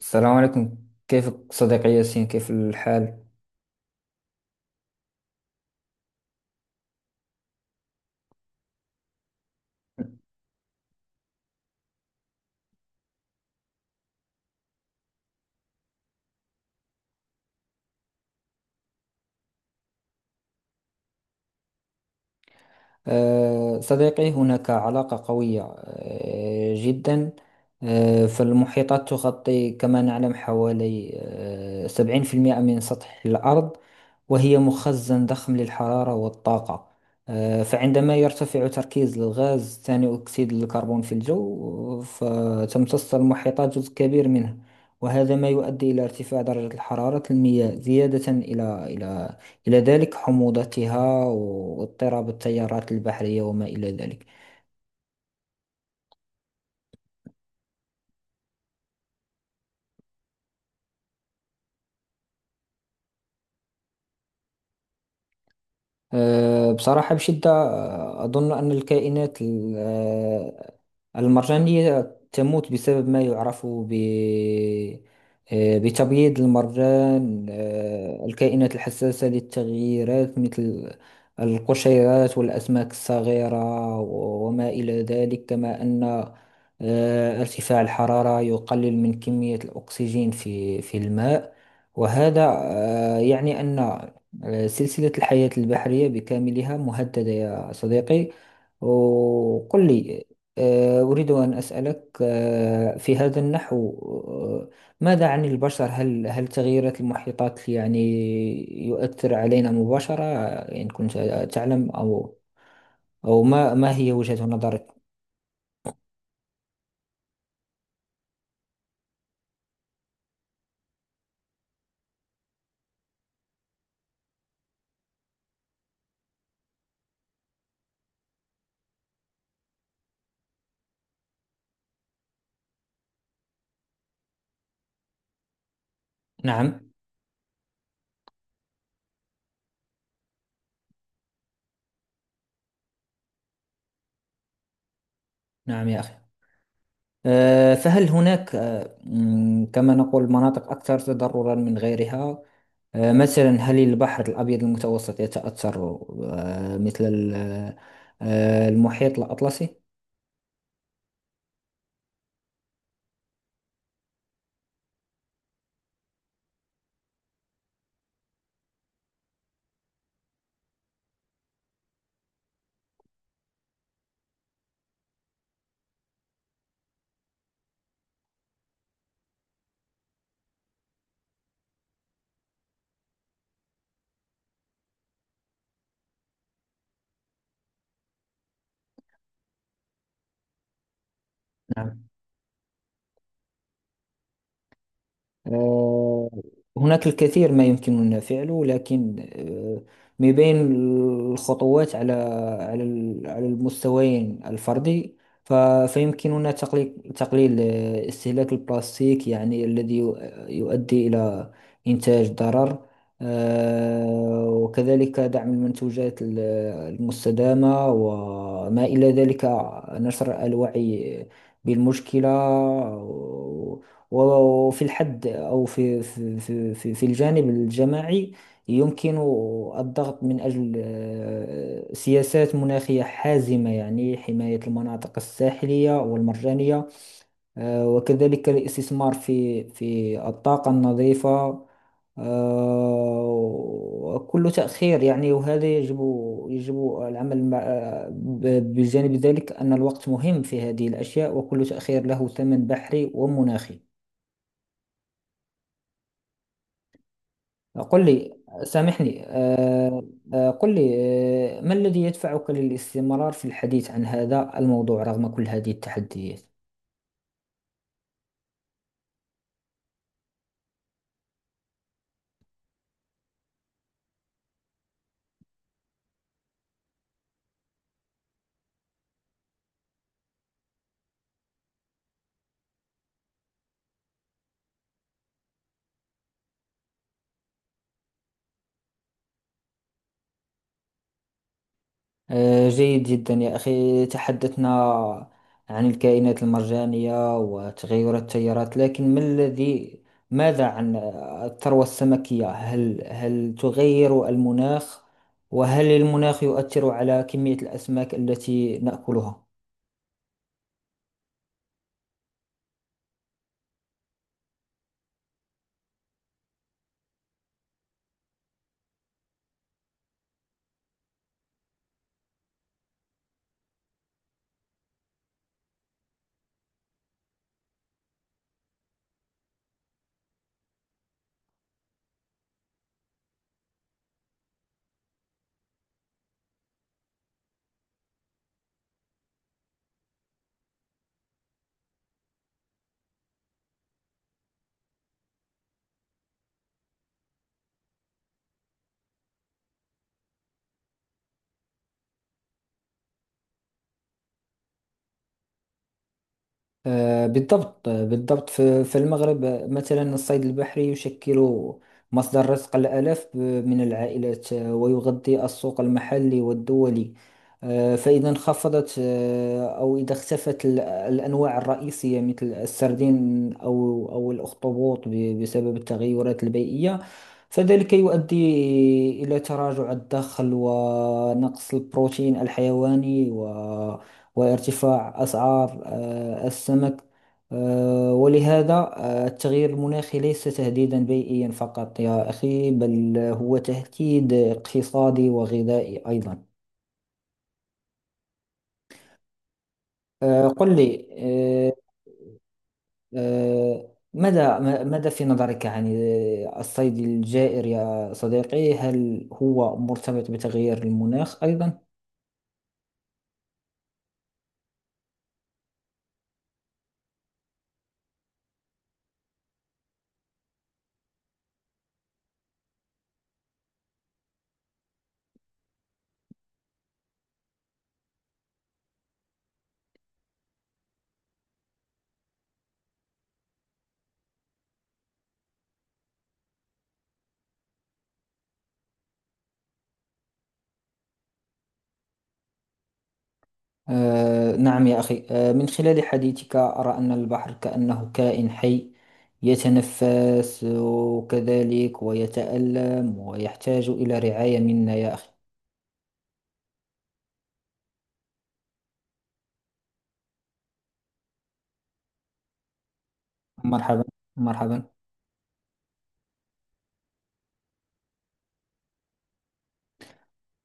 السلام عليكم. كيفك صديقي ياسين؟ كيف الحال؟ صديقي، هناك علاقة قوية جدا. فالمحيطات تغطي كما نعلم حوالي 70% من سطح الأرض، وهي مخزن ضخم للحرارة والطاقة. فعندما يرتفع تركيز الغاز ثاني أكسيد الكربون في الجو، فتمتص المحيطات جزء كبير منه، وهذا ما يؤدي إلى ارتفاع درجة الحرارة المياه زيادة إلى ذلك حموضتها، واضطراب التيارات البحرية، وما إلى ذلك. بصراحة بشدة، أظن أن الكائنات المرجانية تموت بسبب ما يعرف ب آه، بتبييض المرجان. الكائنات الحساسة للتغييرات مثل القشيرات والأسماك الصغيرة وما إلى ذلك. كما أن ارتفاع الحرارة يقلل من كمية الأكسجين في الماء، وهذا يعني أن سلسلة الحياة البحرية بكاملها مهددة يا صديقي. وقل لي، أريد أن أسألك، في هذا النحو، آه، ماذا عن البشر؟ هل تغييرات المحيطات يعني يؤثر علينا مباشرة؟ إن كنت تعلم، أو ما هي وجهة نظرك؟ نعم، نعم يا أخي. فهل هناك، كما نقول، مناطق أكثر تضررا من غيرها؟ مثلا، هل البحر الأبيض المتوسط يتأثر مثل المحيط الأطلسي؟ نعم. آه، هناك الكثير ما يمكننا فعله، لكن من بين الخطوات على المستويين الفردي. ف- فيمكننا تقليل استهلاك البلاستيك، يعني الذي يؤدي إلى إنتاج ضرر. وكذلك دعم المنتوجات المستدامة وما إلى ذلك، نشر الوعي بالمشكلة. وفي الحد، أو في الجانب الجماعي، يمكن الضغط من أجل سياسات مناخية حازمة، يعني حماية المناطق الساحلية والمرجانية. وكذلك الاستثمار في الطاقة النظيفة. آه، وكل تأخير يعني، وهذا يجب، يجب العمل مع، بجانب ذلك، أن الوقت مهم في هذه الأشياء، وكل تأخير له ثمن بحري ومناخي. قل لي، سامحني. قل لي، ما الذي يدفعك للاستمرار في الحديث عن هذا الموضوع رغم كل هذه التحديات؟ جيد جدا يا أخي. تحدثنا عن الكائنات المرجانية وتغير التيارات، لكن ما الذي ماذا عن الثروة السمكية؟ هل تغير المناخ، وهل المناخ يؤثر على كمية الأسماك التي نأكلها؟ بالضبط، بالضبط في المغرب. مثلا، الصيد البحري يشكل مصدر رزق الآلاف من العائلات، ويغذي السوق المحلي والدولي. فإذا انخفضت، أو إذا اختفت الأنواع الرئيسية مثل السردين أو الأخطبوط بسبب التغيرات البيئية، فذلك يؤدي إلى تراجع الدخل، ونقص البروتين الحيواني، وارتفاع أسعار السمك. ولهذا التغيير المناخي ليس تهديدا بيئيا فقط يا أخي، بل هو تهديد اقتصادي وغذائي أيضا. قل لي، آه، ماذا، ماذا في نظرك عن الصيد الجائر يا صديقي؟ هل هو مرتبط بتغيير المناخ أيضا؟ نعم يا أخي. من خلال حديثك، أرى أن البحر كأنه كائن حي يتنفس، وكذلك ويتألم، ويحتاج إلى رعاية منا يا أخي. مرحبا. مرحبا.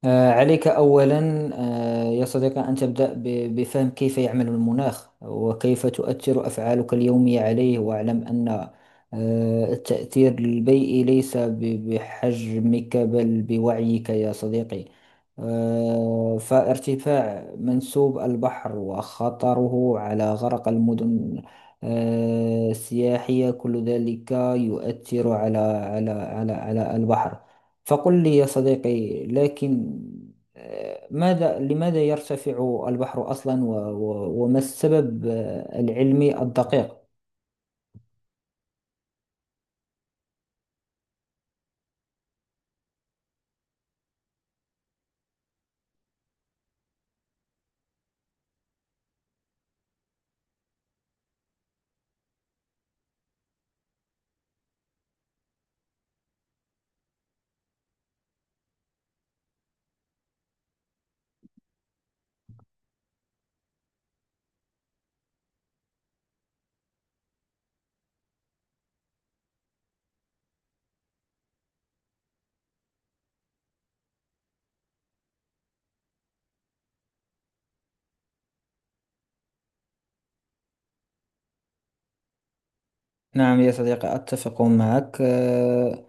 عليك أولا، يا صديقي، أن تبدأ بفهم كيف يعمل المناخ، وكيف تؤثر أفعالك اليومية عليه. واعلم أن التأثير البيئي ليس بحجمك، بل بوعيك يا صديقي. فارتفاع منسوب البحر وخطره على غرق المدن السياحية، كل ذلك يؤثر على البحر. فقل لي يا صديقي، لكن آه، ماذا لماذا يرتفع البحر أصلا؟ وما السبب العلمي الدقيق؟ نعم يا صديقي، أتفق معك. آه،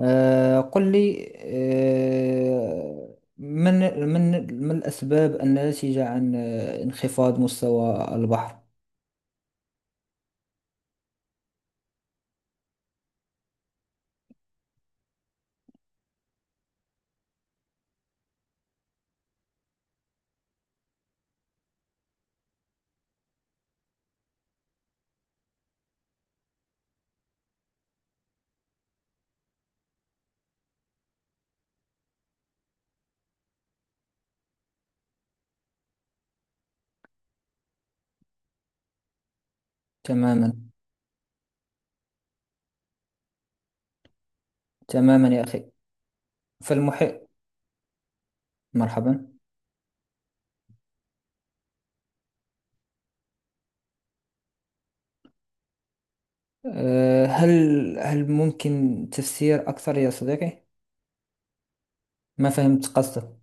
آه، قل لي، آه، من من ما الأسباب الناتجة عن انخفاض مستوى البحر؟ تماما. تماما يا أخي. فالمحيط. مرحبا. هل ممكن تفسير أكثر يا صديقي؟ ما فهمت قصدك.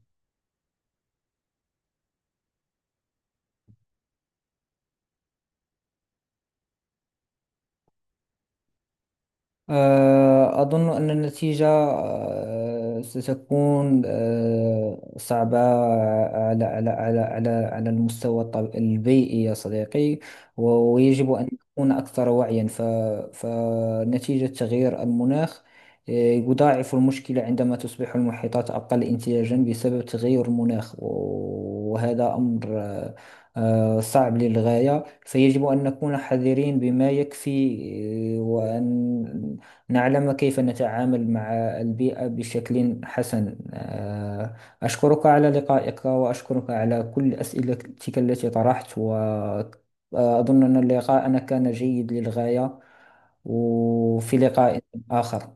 أظن أن النتيجة ستكون صعبة على المستوى البيئي يا صديقي. ويجب أن نكون أكثر وعيا. فنتيجة تغيير المناخ، يضاعف المشكلة عندما تصبح المحيطات أقل انتاجا بسبب تغير المناخ. وهذا أمر صعب للغاية. فيجب أن نكون حذرين بما يكفي، وأن نعلم كيف نتعامل مع البيئة بشكل حسن. أشكرك على لقائك، وأشكرك على كل أسئلتك التي طرحت، وأظن أن لقاءنا كان جيد للغاية. وفي لقاء آخر.